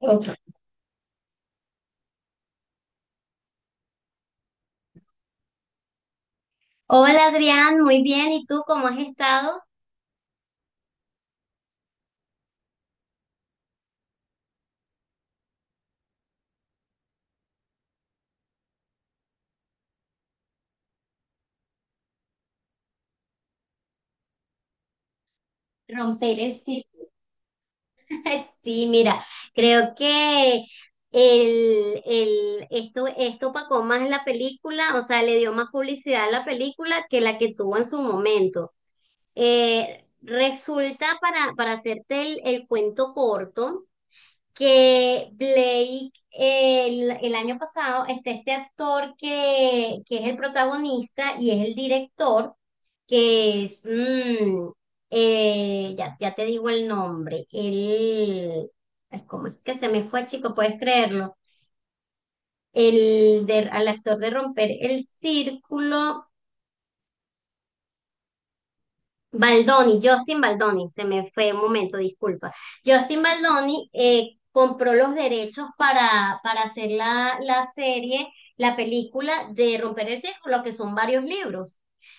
Ok. Hola Adrián, muy bien. ¿Y tú cómo has estado? Romper el círculo. Sí, mira, creo que esto opacó más la película, o sea, le dio más publicidad a la película que la que tuvo en su momento. Resulta, para hacerte el, cuento corto, que Blake el, año pasado está este actor que es el protagonista y es el director, que es, ya, te digo el nombre, el, ay, ¿cómo es que se me fue, chico? ¿Puedes creerlo? El de, al actor de Romper el Círculo, Baldoni, Justin Baldoni, se me fue un momento, disculpa. Justin Baldoni compró los derechos para hacer la, la serie, la película de Romper el Cerco, lo que son varios libros.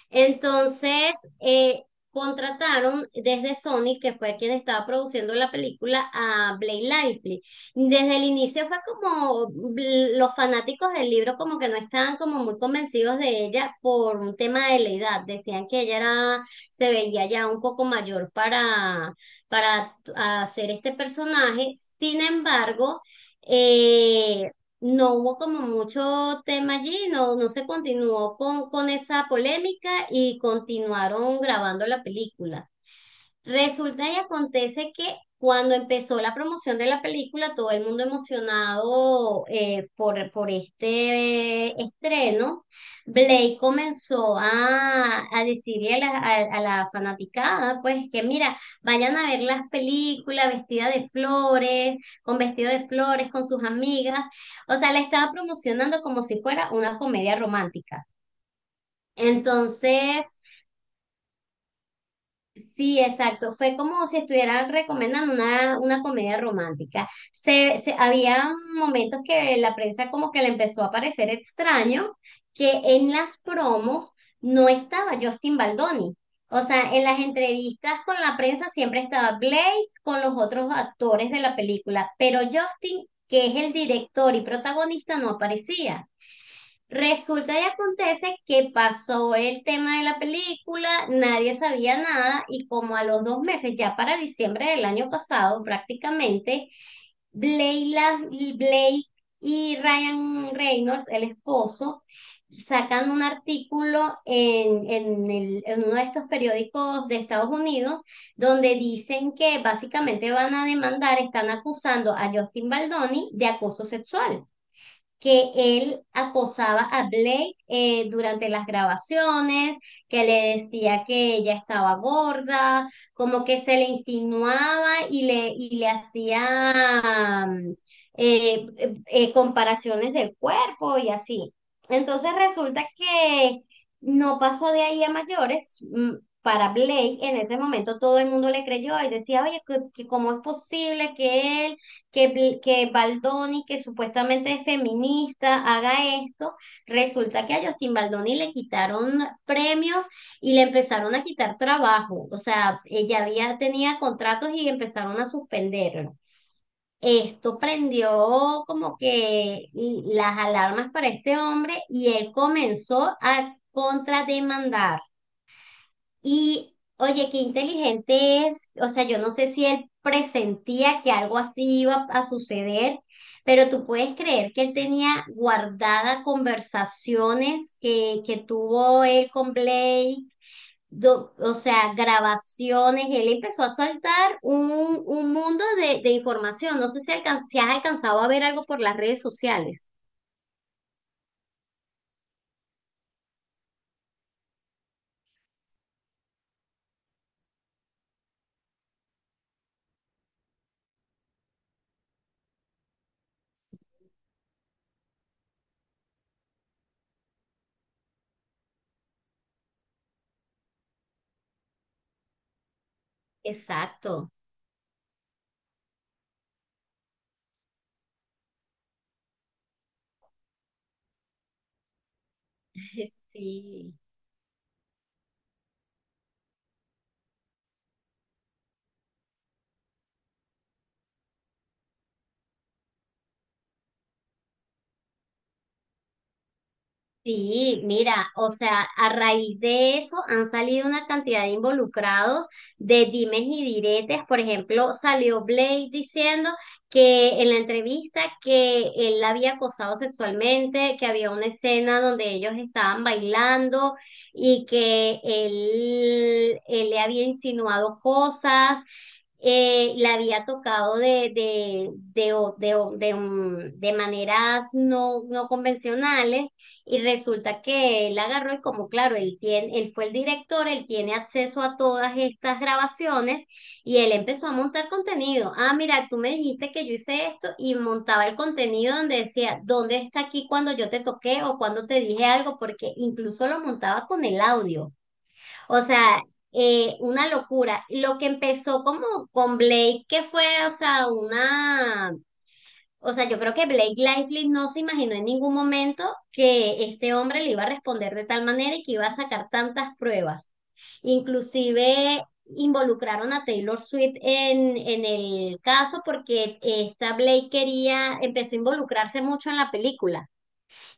Entonces, eh, contrataron desde Sony, que fue quien estaba produciendo la película, a Blake Lively. Desde el inicio fue como los fanáticos del libro como que no estaban como muy convencidos de ella por un tema de la edad. Decían que ella era se veía ya un poco mayor para hacer este personaje. Sin embargo, eh, no hubo como mucho tema allí, no, no se continuó con esa polémica y continuaron grabando la película. Resulta y acontece que cuando empezó la promoción de la película, todo el mundo emocionado por este estreno, Blake comenzó a decirle a la, a la fanaticada, pues que mira, vayan a ver las películas vestida de flores, con vestido de flores, con sus amigas. O sea, la estaba promocionando como si fuera una comedia romántica. Entonces... Sí, exacto. Fue como si estuvieran recomendando una comedia romántica. Había momentos que la prensa como que le empezó a parecer extraño que en las promos no estaba Justin Baldoni. O sea, en las entrevistas con la prensa siempre estaba Blake con los otros actores de la película, pero Justin, que es el director y protagonista, no aparecía. Resulta y acontece que pasó el tema de la película, nadie sabía nada y como a los dos meses, ya para diciembre del año pasado prácticamente, Blayla- Blake y Ryan Reynolds, el esposo, sacan un artículo en, en uno de estos periódicos de Estados Unidos donde dicen que básicamente van a demandar, están acusando a Justin Baldoni de acoso sexual que él acosaba a Blake durante las grabaciones, que le decía que ella estaba gorda, como que se le insinuaba y le hacía eh, comparaciones del cuerpo y así. Entonces resulta que no pasó de ahí a mayores. Para Blake en ese momento todo el mundo le creyó y decía, oye, que ¿cómo es posible que él que, que Baldoni, que supuestamente es feminista, haga esto? Resulta que a Justin Baldoni le quitaron premios y le empezaron a quitar trabajo. O sea, ella había, tenía contratos y empezaron a suspenderlo. Esto prendió como que las alarmas para este hombre y él comenzó a contrademandar. Y oye, qué inteligente es. O sea, yo no sé si él presentía que algo así iba a suceder, pero tú puedes creer que él tenía guardada conversaciones que tuvo él con Blake, o sea, grabaciones. Él empezó a soltar un mundo de información. No sé si, si has alcanzado a ver algo por las redes sociales. Exacto. Sí. Sí, mira, o sea, a raíz de eso han salido una cantidad de involucrados de dimes y diretes. Por ejemplo, salió Blade diciendo que en la entrevista que él la había acosado sexualmente, que había una escena donde ellos estaban bailando y que él le había insinuado cosas la había tocado de, o- de, o- de, mm, de maneras no, no convencionales y resulta que él agarró y como claro, él tiene, él fue el director, él tiene acceso a todas estas grabaciones y él empezó a montar contenido. Ah, mira, tú me dijiste que yo hice esto y montaba el contenido donde decía, ¿dónde está aquí cuando yo te toqué o cuando te dije algo? Porque incluso lo montaba con el audio. O sea, una locura. Lo que empezó como con Blake, que fue, o sea, una o sea, yo creo que Blake Lively no se imaginó en ningún momento que este hombre le iba a responder de tal manera y que iba a sacar tantas pruebas. Inclusive involucraron a Taylor Swift en el caso porque esta Blake quería, empezó a involucrarse mucho en la película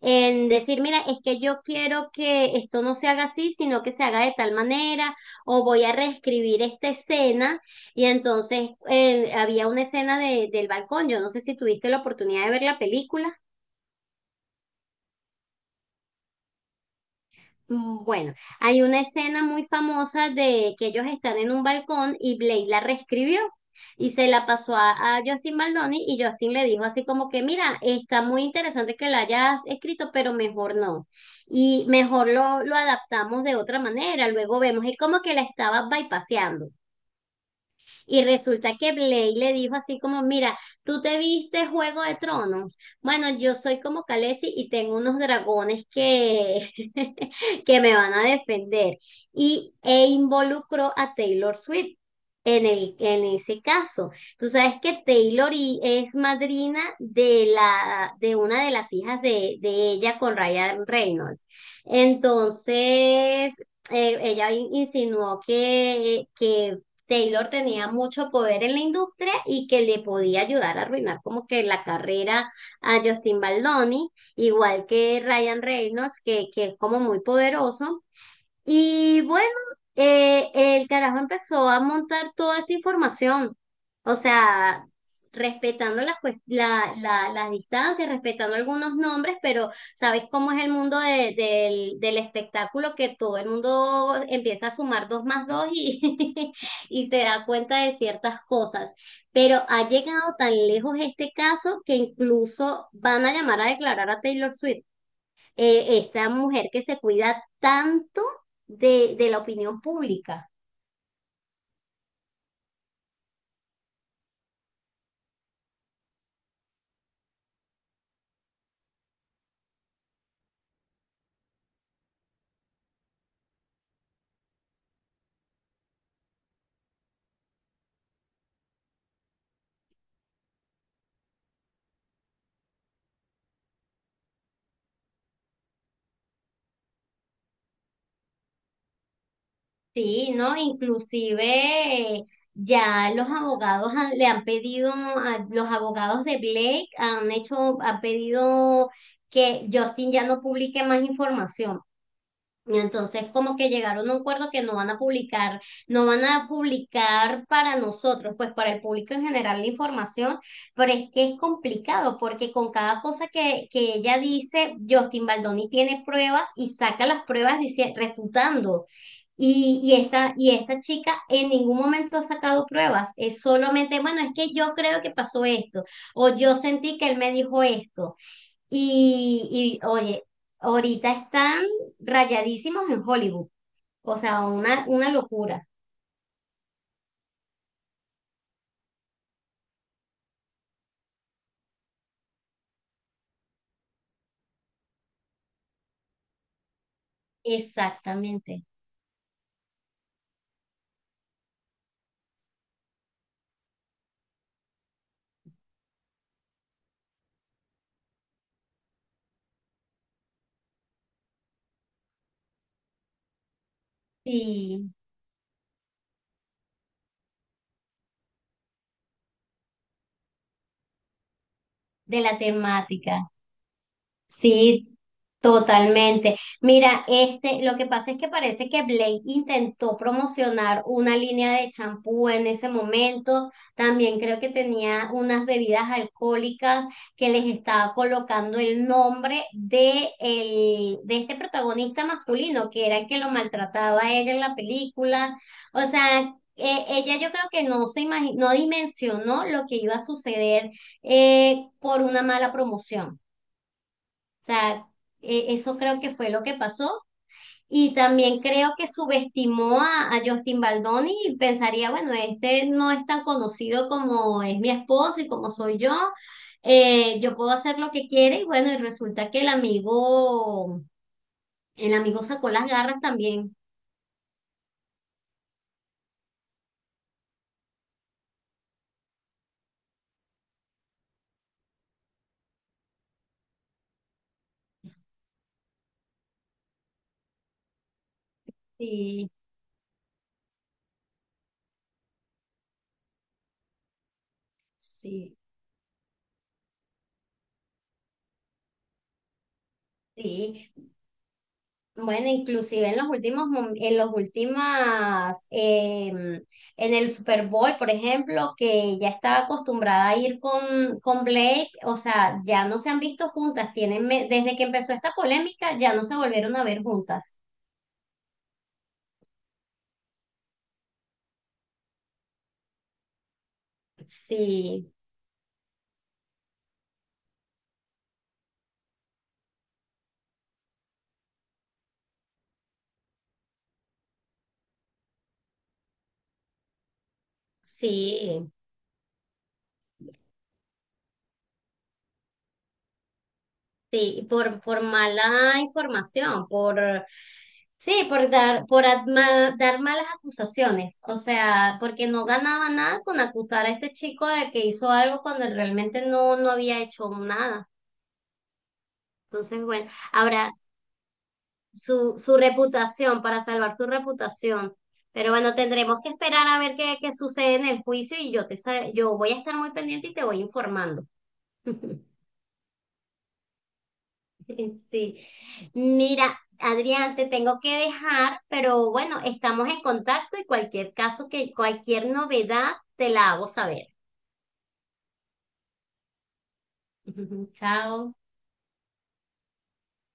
en decir, mira, es que yo quiero que esto no se haga así, sino que se haga de tal manera, o voy a reescribir esta escena. Y entonces había una escena de, del balcón, yo no sé si tuviste la oportunidad de ver la película. Mm, bueno, hay una escena muy famosa de que ellos están en un balcón y Blade la reescribió y se la pasó a Justin Baldoni y Justin le dijo así como que, mira, está muy interesante que la hayas escrito, pero mejor no. Y mejor lo adaptamos de otra manera, luego vemos, es como que la estaba bypaseando. Y resulta que Blake le dijo así como, mira, tú te viste Juego de Tronos. Bueno, yo soy como Khaleesi y tengo unos dragones que, que me van a defender. E involucró a Taylor Swift. En el, en ese caso, tú sabes que Taylor es madrina de la, de una de las hijas de ella con Ryan Reynolds. Entonces, ella insinuó que Taylor tenía mucho poder en la industria y que le podía ayudar a arruinar como que la carrera a Justin Baldoni, igual que Ryan Reynolds, que es como muy poderoso. Y bueno, el carajo empezó a montar toda esta información, o sea, respetando las, las distancias, respetando algunos nombres, pero ¿sabes cómo es el mundo del espectáculo? Que todo el mundo empieza a sumar dos más dos y, y se da cuenta de ciertas cosas. Pero ha llegado tan lejos este caso que incluso van a llamar a declarar a Taylor Swift esta mujer que se cuida tanto de la opinión pública. Sí, ¿no? Inclusive ya los abogados le han pedido, a, los abogados de Blake han hecho, han pedido que Justin ya no publique más información. Y entonces, como que llegaron a un acuerdo que no van a publicar, no van a publicar para nosotros, pues para el público en general la información, pero es que es complicado porque con cada cosa que ella dice, Justin Baldoni tiene pruebas y saca las pruebas dice, refutando. Y esta, y esta chica en ningún momento ha sacado pruebas, es solamente, bueno, es que yo creo que pasó esto, o yo sentí que él me dijo esto. Y oye, ahorita están rayadísimos en Hollywood. O sea, una locura. Exactamente. Sí, de la temática. Sí, totalmente. Mira, este, lo que pasa es que parece que Blake intentó promocionar una línea de champú en ese momento. También creo que tenía unas bebidas alcohólicas que les estaba colocando el nombre de, el, de este protagonista masculino, que era el que lo maltrataba a ella en la película. O sea, ella yo creo que no no dimensionó lo que iba a suceder por una mala promoción. O sea, eso creo que fue lo que pasó. Y también creo que subestimó a Justin Baldoni y pensaría, bueno, este no es tan conocido como es mi esposo y como soy yo. Yo puedo hacer lo que quiera y bueno, y resulta que el amigo sacó las garras también. Sí, sí, sí. Bueno, inclusive en los últimos, en los últimas, en el Super Bowl, por ejemplo, que ya estaba acostumbrada a ir con Blake, o sea, ya no se han visto juntas, tienen, desde que empezó esta polémica, ya no se volvieron a ver juntas. Sí, sí. Sí, por mala información, por, sí, por dar, por dar malas acusaciones, o sea, porque no ganaba nada con acusar a este chico de que hizo algo cuando él realmente no, no había hecho nada. Entonces, bueno, ahora su, su reputación, para salvar su reputación, pero bueno, tendremos que esperar a ver qué, qué sucede en el juicio y yo te, yo voy a estar muy pendiente y te voy informando. Sí. Mira, Adrián, te tengo que dejar, pero bueno, estamos en contacto y cualquier caso que, cualquier novedad, te la hago saber. Chao.